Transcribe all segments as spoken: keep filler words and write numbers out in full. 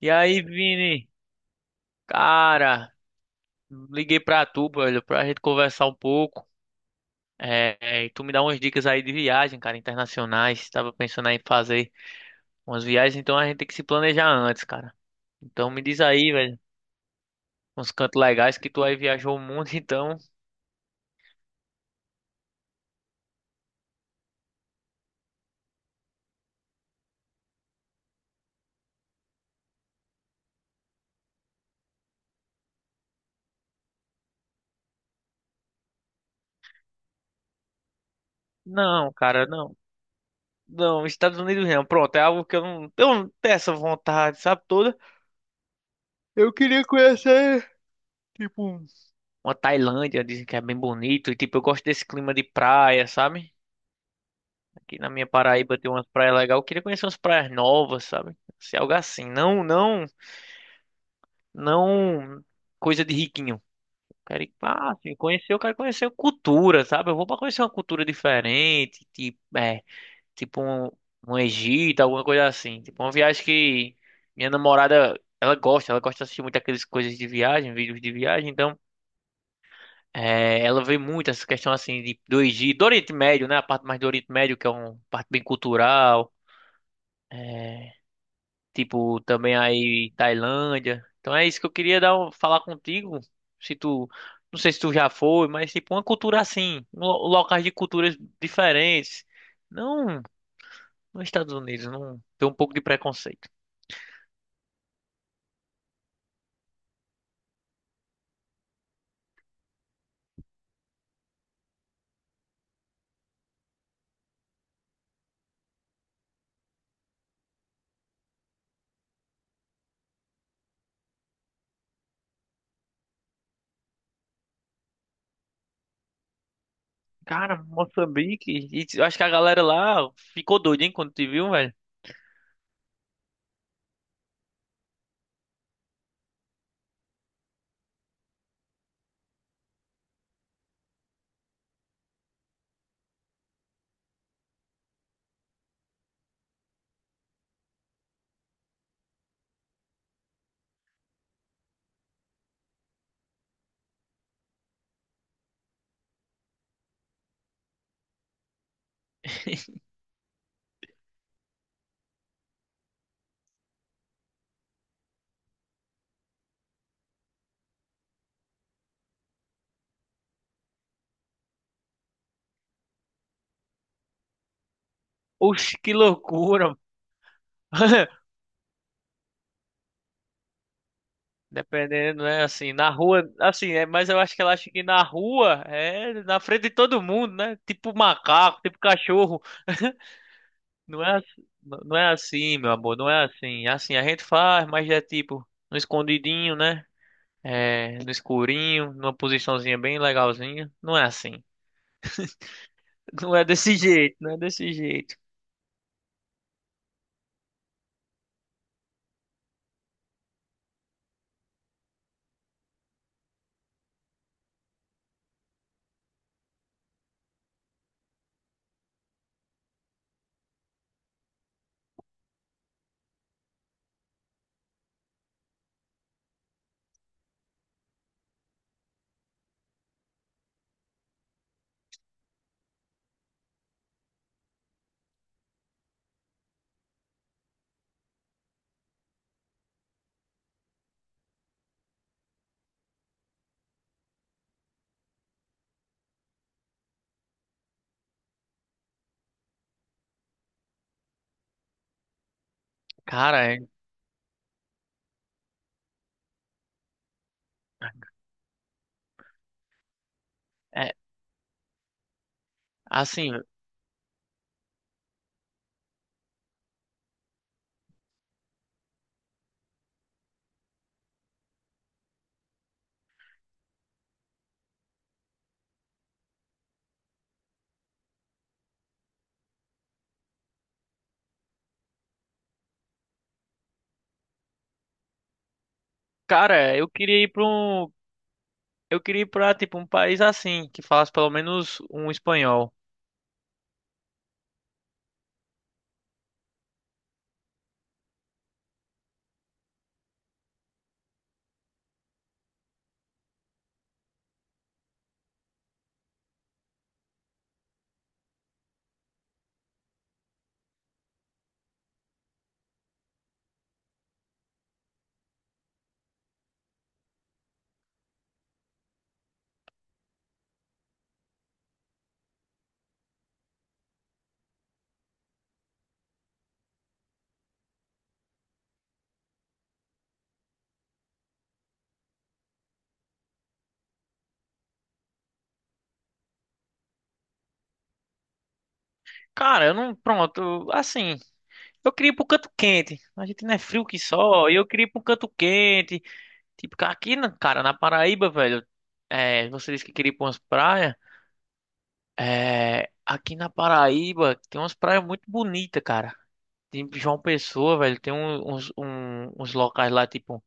E aí, Vini? Cara, liguei pra tu, velho, pra gente conversar um pouco. É, é, e tu me dá umas dicas aí de viagem, cara, internacionais. Tava pensando aí em fazer umas viagens, então a gente tem que se planejar antes, cara. Então me diz aí, velho, uns cantos legais que tu aí viajou o mundo, então. Não, cara, não. Não, Estados Unidos não. Pronto, é algo que eu não, eu não tenho essa vontade, sabe, toda. Eu queria conhecer, tipo, uma Tailândia, dizem que é bem bonito. E, tipo, eu gosto desse clima de praia, sabe? Aqui na minha Paraíba tem umas praias legais. Eu queria conhecer umas praias novas, sabe? Se algo assim. Não, não, não coisa de riquinho. Quero ir pra, assim, conhecer, eu quero conhecer cultura, sabe? Eu vou pra conhecer uma cultura diferente, tipo, é, tipo um, um Egito, alguma coisa assim. Tipo, uma viagem que minha namorada, ela gosta, ela gosta de assistir muito aquelas coisas de viagem, vídeos de viagem, então, é, ela vê muito essa questão, assim, de, do Egito, do Oriente Médio, né? A parte mais do Oriente Médio, que é uma parte bem cultural. é, Tipo, também aí Tailândia. Então é isso que eu queria dar, um- falar contigo. Se tu, não sei se tu já foi, mas tipo uma cultura assim, lo- locais de culturas diferentes. Não, nos Estados Unidos, não tem um pouco de preconceito. Cara, Moçambique, e eu acho que a galera lá ficou doida, hein, quando te viu, velho. Oxe, que loucura. Dependendo, né? Assim, na rua, assim, é, mas eu acho que ela acha que na rua é na frente de todo mundo, né? Tipo macaco, tipo cachorro. Não é, ass- não é assim, meu amor, não é assim. É assim, a gente faz, mas é tipo no escondidinho, né? É, no escurinho, numa posiçãozinha bem legalzinha. Não é assim. Não é desse jeito, não é desse jeito. Cara, é, é assim, cara, eu queria ir pra um, eu queria ir pra tipo um país assim, que falasse pelo menos um espanhol. Cara, eu não, pronto, assim, eu queria ir pro canto quente. A gente não é frio que só, e eu queria ir pro canto quente. Tipo, ca- aqui, na- cara, na Paraíba, velho, é, você disse que queria ir pra umas praias. É, aqui na Paraíba tem umas praias muito bonitas, cara. Tem João Pessoa, velho, tem um- uns, um- uns locais lá, tipo,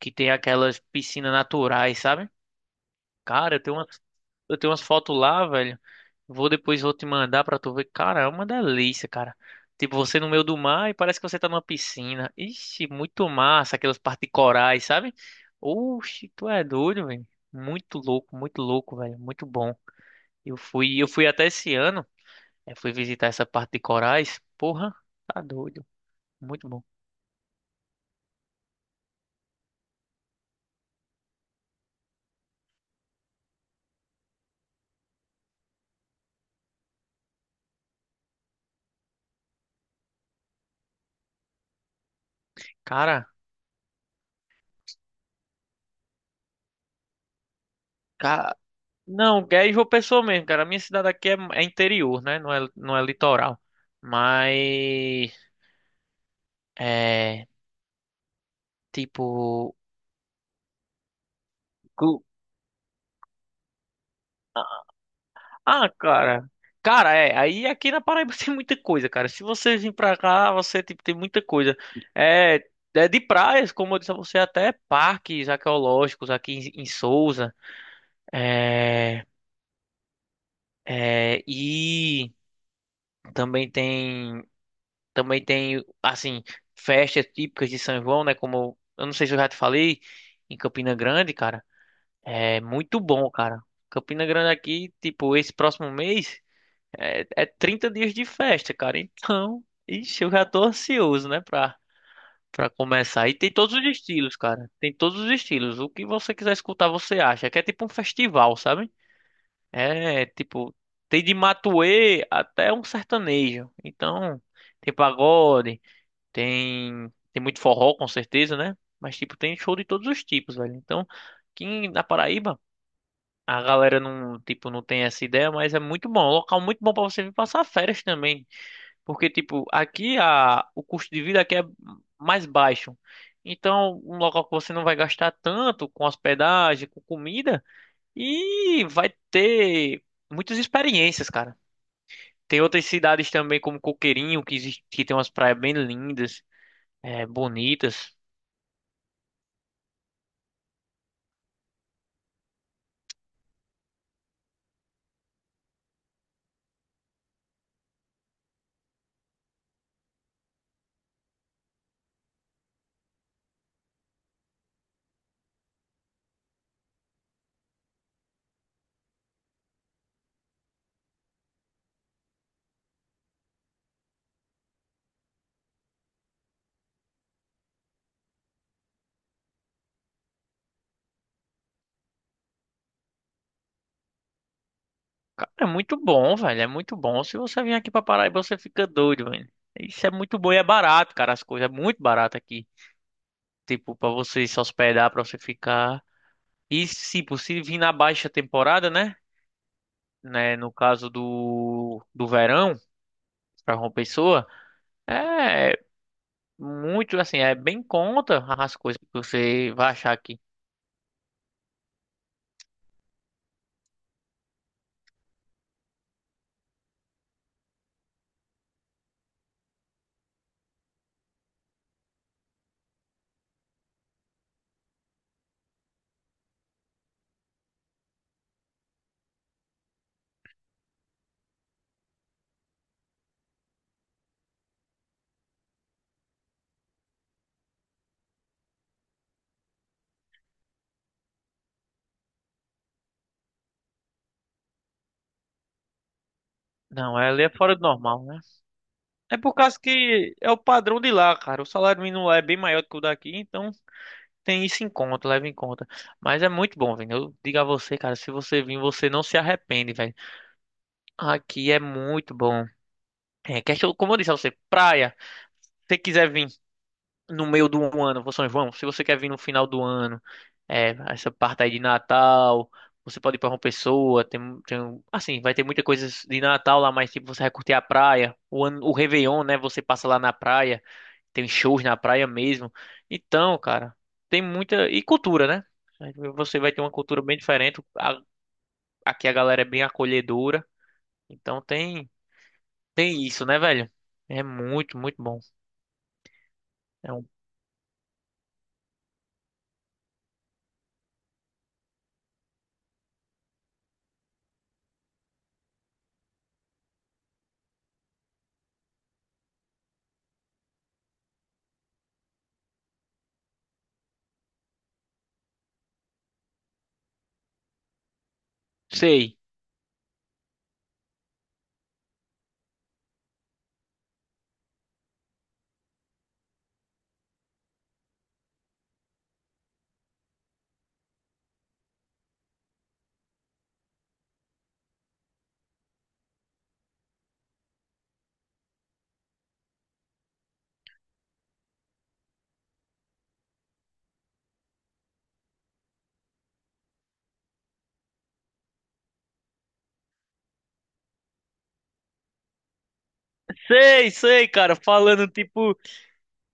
que tem aquelas piscinas naturais, sabe? Cara, eu tenho umas, eu tenho umas fotos lá, velho. Vou depois vou te mandar pra tu ver. Cara, é uma delícia, cara. Tipo, você no meio do mar e parece que você tá numa piscina. Ixi, muito massa, aquelas partes de corais, sabe? Oxi, tu é doido, velho. Muito louco, muito louco, velho. Muito bom. Eu fui, eu fui até esse ano. Eu fui visitar essa parte de corais. Porra, tá doido. Muito bom. Cara, cara. Não, é João Pessoa mesmo, cara. A minha cidade aqui é, é interior, né? Não é, não é litoral. Mas. É. Tipo. Ah, cara. Cara, é, aí aqui na Paraíba tem muita coisa, cara. Se você vir pra cá, você tipo, tem muita coisa. É, é de praias, como eu disse a você, até parques arqueológicos aqui em, em Sousa. É, é, e também tem, também tem, assim, festas típicas de São João, né? Como eu eu não sei se eu já te falei, em Campina Grande, cara. É muito bom, cara. Campina Grande aqui, tipo, esse próximo mês. É, é trinta dias de festa, cara. Então, ixi, eu já tô ansioso, né, pra, pra começar. E tem todos os estilos, cara. Tem todos os estilos. O que você quiser escutar, você acha. Que é tipo um festival, sabe? É, tipo, tem de matuê até um sertanejo. Então, tem pagode, tem, tem muito forró, com certeza, né? Mas, tipo, tem show de todos os tipos, velho. Então, aqui na Paraíba, a galera não, tipo, não tem essa ideia, mas é muito bom. É um local muito bom pra você vir passar férias também. Porque, tipo, aqui a, o custo de vida aqui é mais baixo. Então, um local que você não vai gastar tanto com hospedagem, com comida, e vai ter muitas experiências, cara. Tem outras cidades também, como Coqueirinho, que, existe, que tem umas praias bem lindas, é, bonitas. Cara, é muito bom, velho. É muito bom. Se você vir aqui pra Paraíba, você fica doido, velho. Isso é muito bom e é barato, cara. As coisas é muito barato aqui. Tipo, pra você se hospedar, pra você ficar. E, se possível, vir na baixa temporada, né? Né, no caso do, do verão, para uma pessoa, é muito assim, é bem contra as coisas que você vai achar aqui. Não, ela é fora do normal, né? É por causa que é o padrão de lá, cara. O salário mínimo lá é bem maior do que o daqui, então tem isso em conta, leva em conta. Mas é muito bom, velho. Eu digo a você, cara, se você vir, você não se arrepende, velho. Aqui é muito bom. É, questão, como eu disse a você, praia. Se você quiser vir. No meio do ano, for São João, se você quer vir no final do ano, é, essa parte aí de Natal, você pode ir para uma pessoa, tem, tem- assim, vai ter muita coisa de Natal lá, mas tipo, você vai curtir a praia, o ano, o Réveillon, né, você passa lá na praia, tem shows na praia mesmo. Então, cara, tem muita, e cultura, né? Você vai ter uma cultura bem diferente, a- aqui a galera é bem acolhedora, então tem, tem isso, né, velho? É muito, muito bom. É um... Sei. Sei, sei, cara, falando tipo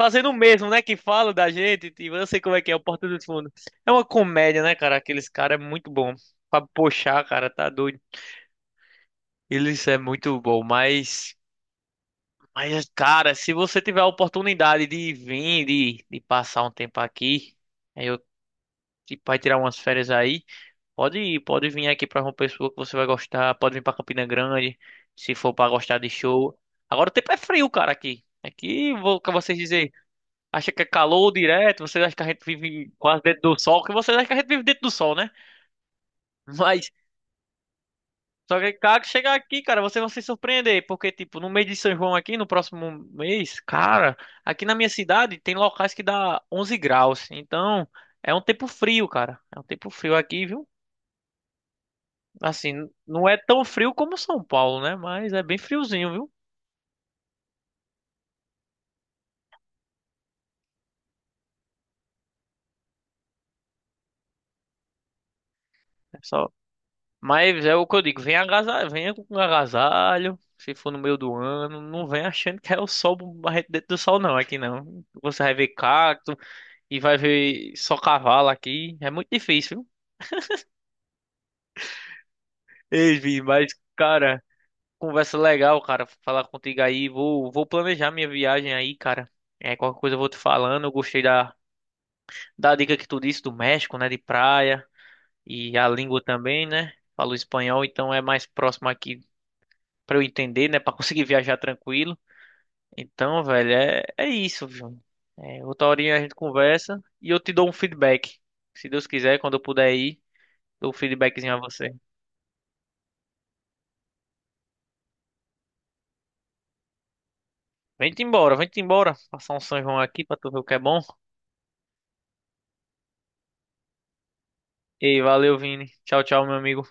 fazendo o mesmo, né? Que fala da gente, e eu sei como é que é, o Porta dos Fundos. É uma comédia, né, cara? Aqueles caras é muito bom. Pra puxar, cara, tá doido. Eles é muito bom, mas. Mas, cara, se você tiver a oportunidade de vir, de, de passar um tempo aqui, aí eu tipo, vai tirar umas férias aí, pode ir, pode vir aqui pra uma pessoa que você vai gostar, pode vir pra Campina Grande, se for pra gostar de show. Agora o tempo é frio, cara, aqui. Aqui, vou com vocês dizer. Acha que é calor direto, vocês acham que a gente vive quase dentro do sol, que vocês acham que a gente vive dentro do sol, né? Mas só que, cara, chegar aqui, cara, vocês vão se surpreender, porque, tipo, no mês de São João aqui, no próximo mês, cara, aqui na minha cidade tem locais que dá onze graus, então é um tempo frio, cara, é um tempo frio aqui, viu? Assim, não é tão frio como São Paulo, né? Mas é bem friozinho, viu? É só Mas é o que eu digo, vem agasalho, venha com agasalho, se for no meio do ano, não vem achando que é o sol barrete dentro do sol não, aqui não. Você vai ver cacto e vai ver só cavalo aqui, é muito difícil, viu? Ei, Vi, mas cara, conversa legal, cara, falar contigo aí, vou, vou planejar minha viagem aí, cara. É, qualquer coisa eu vou te falando, eu gostei da, da dica que tu disse do México, né, de praia, e a língua também, né? Falo espanhol, então é mais próximo aqui pra eu entender, né, Pra conseguir viajar tranquilo. Então, velho, é, é isso, João. É, outra horinha a gente conversa e eu te dou um feedback. Se Deus quiser, quando eu puder ir, dou um feedbackzinho a você. Vem-te embora, vem-te embora. Passar um São João aqui pra tu ver o que é bom. Ei, valeu, Vini. Tchau, tchau, meu amigo.